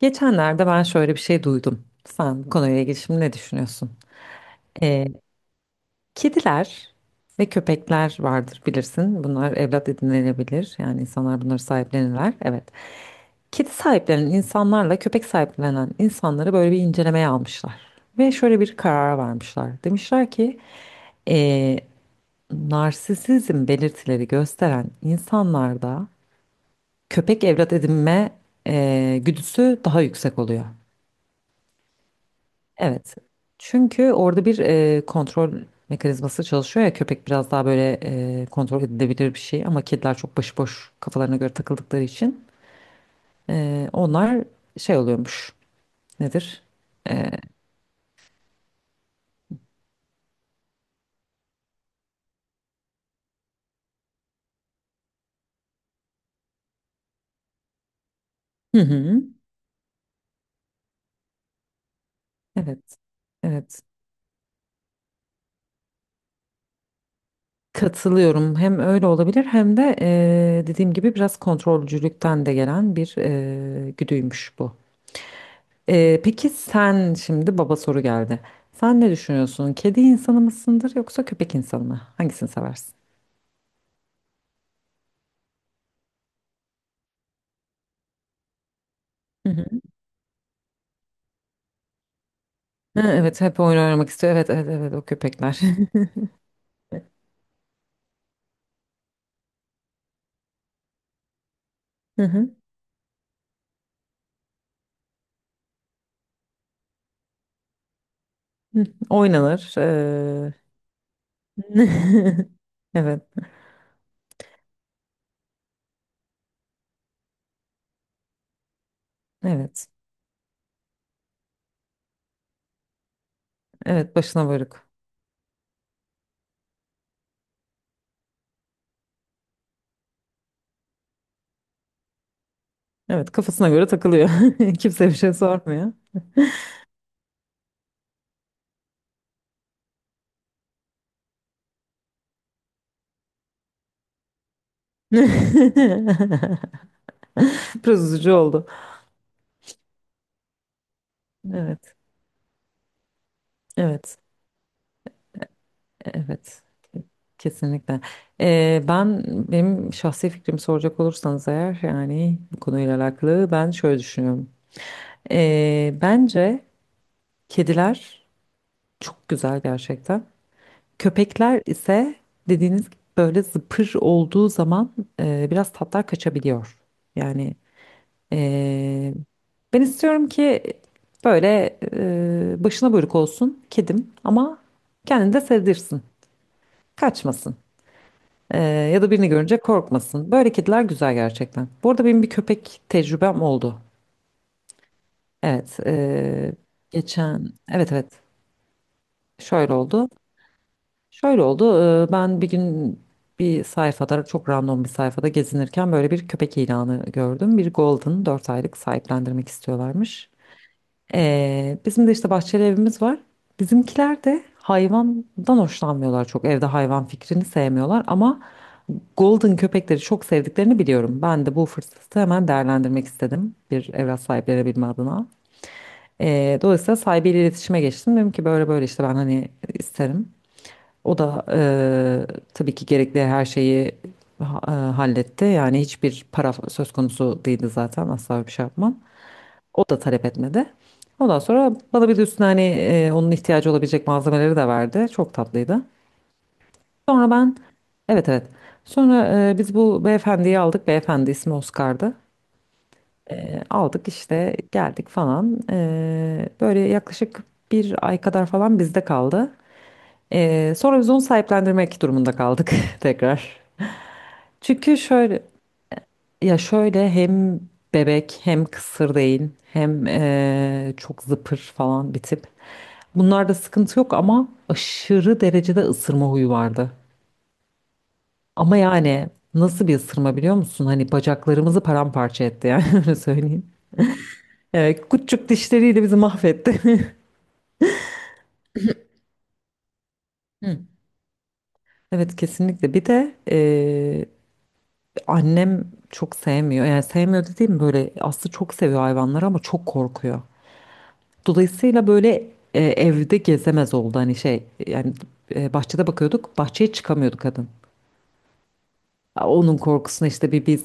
Geçenlerde ben şöyle bir şey duydum. Sen bu konuyla ilgili şimdi ne düşünüyorsun? Ee, kediler ve köpekler vardır bilirsin. Bunlar evlat edinilebilir. Yani insanlar bunları sahiplenirler. Evet. Kedi sahiplenen insanlarla köpek sahiplenen insanları böyle bir incelemeye almışlar. Ve şöyle bir karara varmışlar. Demişler ki ee, narsisizm belirtileri gösteren insanlarda köpek evlat edinme güdüsü daha yüksek oluyor. Evet. Çünkü orada bir kontrol mekanizması çalışıyor ya köpek biraz daha böyle kontrol edilebilir bir şey ama kediler çok başıboş kafalarına göre takıldıkları için onlar şey oluyormuş. Nedir? Hı hı. Evet. Evet. Katılıyorum. Hem öyle olabilir hem de dediğim gibi biraz kontrolcülükten de gelen bir güdüymüş bu. Peki sen şimdi baba soru geldi. Sen ne düşünüyorsun? Kedi insanı mısındır yoksa köpek insanı mı? Hangisini seversin? Hı hı. Ha, evet hep oyun oynamak istiyor. Evet, evet, evet o köpekler. Hı hı. Hı. Oynanır. Evet, evet. Evet başına varık. Evet kafasına göre takılıyor. Kimse bir şey sormuyor. Biraz üzücü oldu. Evet, evet, evet. Kesinlikle. Ee, ben benim şahsi fikrimi soracak olursanız eğer yani bu konuyla alakalı ben şöyle düşünüyorum. Bence kediler çok güzel gerçekten. Köpekler ise dediğiniz gibi böyle zıpır olduğu zaman biraz tatlar kaçabiliyor. Yani e, ben istiyorum ki böyle başına buyruk olsun kedim ama kendini de sevdirsin, kaçmasın. E, Ya da birini görünce korkmasın. Böyle kediler güzel gerçekten. Bu arada benim bir köpek tecrübem oldu. Evet, geçen evet, evet şöyle oldu. Şöyle oldu. Ben bir gün bir sayfada çok random bir sayfada gezinirken böyle bir köpek ilanı gördüm. Bir golden 4 aylık sahiplendirmek istiyorlarmış. Bizim de işte bahçeli evimiz var. Bizimkiler de hayvandan hoşlanmıyorlar çok. Evde hayvan fikrini sevmiyorlar ama golden köpekleri çok sevdiklerini biliyorum. Ben de bu fırsatı hemen değerlendirmek istedim bir evlat sahiplenebilme adına. Dolayısıyla sahibiyle iletişime geçtim. Dedim ki böyle böyle işte ben hani isterim. O da tabii ki gerekli her şeyi halletti. Yani hiçbir para söz konusu değildi zaten. Asla bir şey yapmam. O da talep etmedi. Ondan sonra bana bir de üstüne hani onun ihtiyacı olabilecek malzemeleri de verdi. Çok tatlıydı. Sonra ben evet, evet. Sonra biz bu beyefendiyi aldık. Beyefendi ismi Oscar'dı. Aldık işte geldik falan. Böyle yaklaşık bir ay kadar falan bizde kaldı. Sonra biz onu sahiplendirmek durumunda kaldık tekrar. Çünkü şöyle ya şöyle hem bebek hem kısır değil hem çok zıpır falan bir tip. Bunlarda sıkıntı yok ama aşırı derecede ısırma huyu vardı. Ama yani nasıl bir ısırma biliyor musun? Hani bacaklarımızı paramparça etti yani öyle söyleyeyim. Evet, küçük dişleriyle bizi mahvetti. Hı. Evet kesinlikle. Bir de annem çok sevmiyor. Yani sevmiyor dediğim böyle aslında çok seviyor hayvanları ama çok korkuyor. Dolayısıyla böyle evde gezemez oldu hani şey yani bahçede bakıyorduk bahçeye çıkamıyordu kadın. A, onun korkusuna işte biz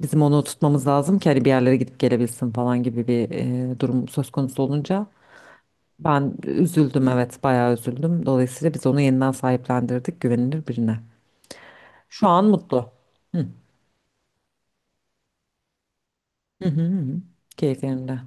bizim onu tutmamız lazım ki hani bir yerlere gidip gelebilsin falan gibi bir durum söz konusu olunca ben üzüldüm, evet bayağı üzüldüm. Dolayısıyla biz onu yeniden sahiplendirdik güvenilir birine. Şu an mutlu. Hı hı hı. Keyiflerinde.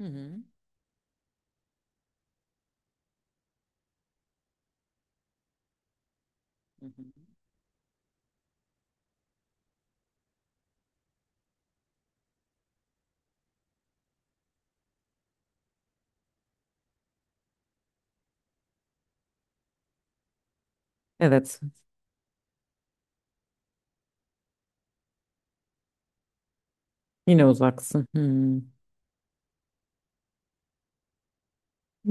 Hı hı. Hı hı. Evet yine uzaksın. Hı.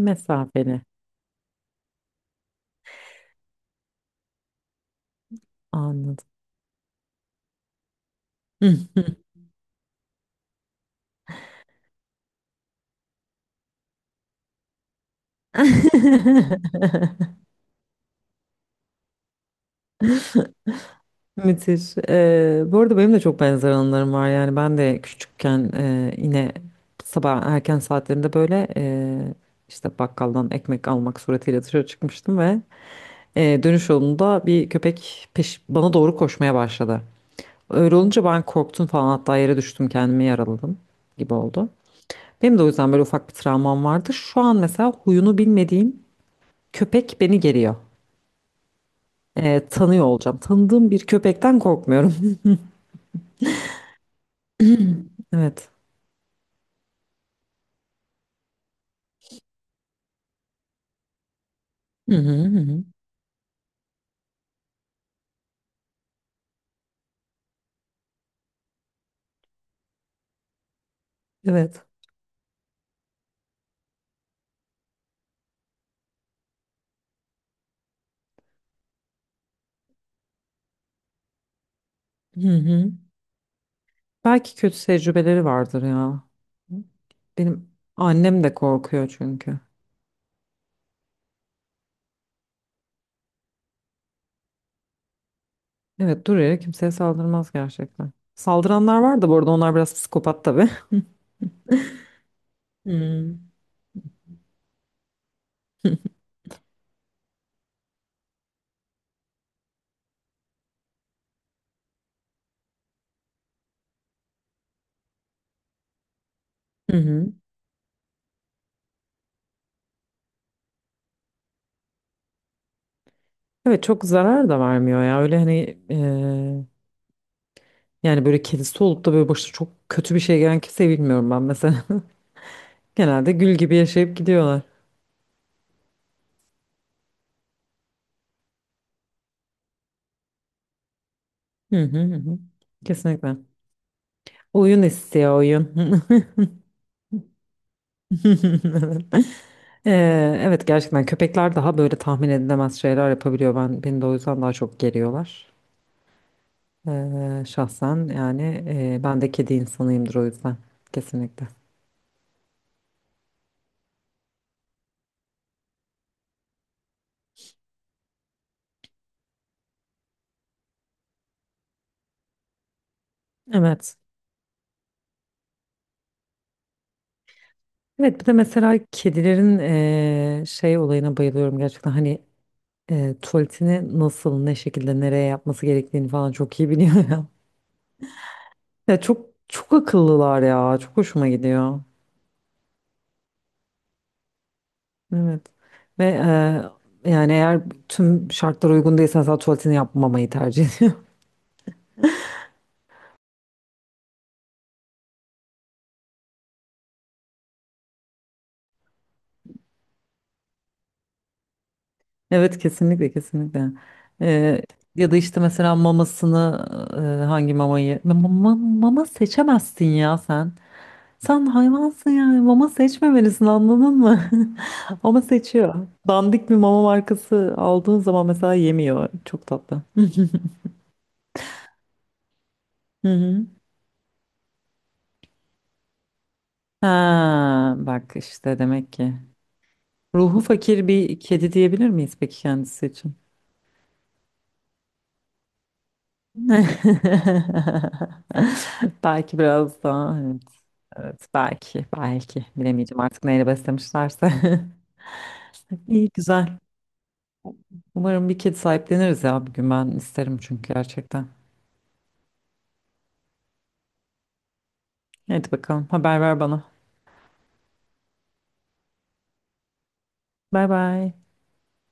Mesafeli anladım. Müthiş. Bu arada benim de çok benzer anılarım var. Yani ben de küçükken yine sabah erken saatlerinde böyle işte bakkaldan ekmek almak suretiyle dışarı çıkmıştım ve dönüş yolunda bir köpek peş bana doğru koşmaya başladı. Öyle olunca ben korktum falan hatta yere düştüm kendimi yaraladım gibi oldu. Benim de o yüzden böyle ufak bir travmam vardı. Şu an mesela huyunu bilmediğim köpek beni geriyor. Tanıyor olacağım. Tanıdığım bir köpekten korkmuyorum. Evet. Hı hı hı. Hı. Evet. Hı hı. Belki kötü tecrübeleri vardır ya. Benim annem de korkuyor çünkü. Evet dur ya kimseye saldırmaz gerçekten. Saldıranlar var da bu arada, onlar biraz psikopat tabii. Hı hı. Hı. Evet çok zarar da vermiyor ya. Öyle hani yani böyle kedisi olup da böyle başına çok kötü bir şey gelen kimseyi bilmiyorum ben mesela. Genelde gül gibi yaşayıp gidiyorlar. Hı hı hı. Hı. Kesinlikle. Oyun istiyor oyun. Evet gerçekten köpekler daha böyle tahmin edilemez şeyler yapabiliyor. Beni de o yüzden daha çok geriyorlar. Şahsen yani ben de kedi insanıyımdır o yüzden. Kesinlikle. Evet. Evet bir de mesela kedilerin şey olayına bayılıyorum gerçekten hani tuvaletini nasıl ne şekilde nereye yapması gerektiğini falan çok iyi biliyor ya. Ya çok çok akıllılar ya, çok hoşuma gidiyor. Evet. Ve yani eğer tüm şartlar uygun değilse mesela tuvaletini yapmamayı tercih ediyor. Evet kesinlikle, kesinlikle. E, Ya da işte mesela mamasını hangi mamayı mama seçemezsin ya sen. Sen hayvansın yani mama seçmemelisin, anladın mı? Ama seçiyor. Dandik bir mama markası aldığın zaman mesela yemiyor. Çok tatlı. Hı hı. Ha, bak işte demek ki. Ruhu fakir bir kedi diyebilir miyiz peki kendisi için? Belki biraz daha, evet, evet belki, belki bilemeyeceğim artık neyle beslemişlerse. İyi güzel. Umarım bir kedi sahipleniriz ya bir gün, ben isterim çünkü gerçekten. Hadi bakalım haber ver bana. Bay bay.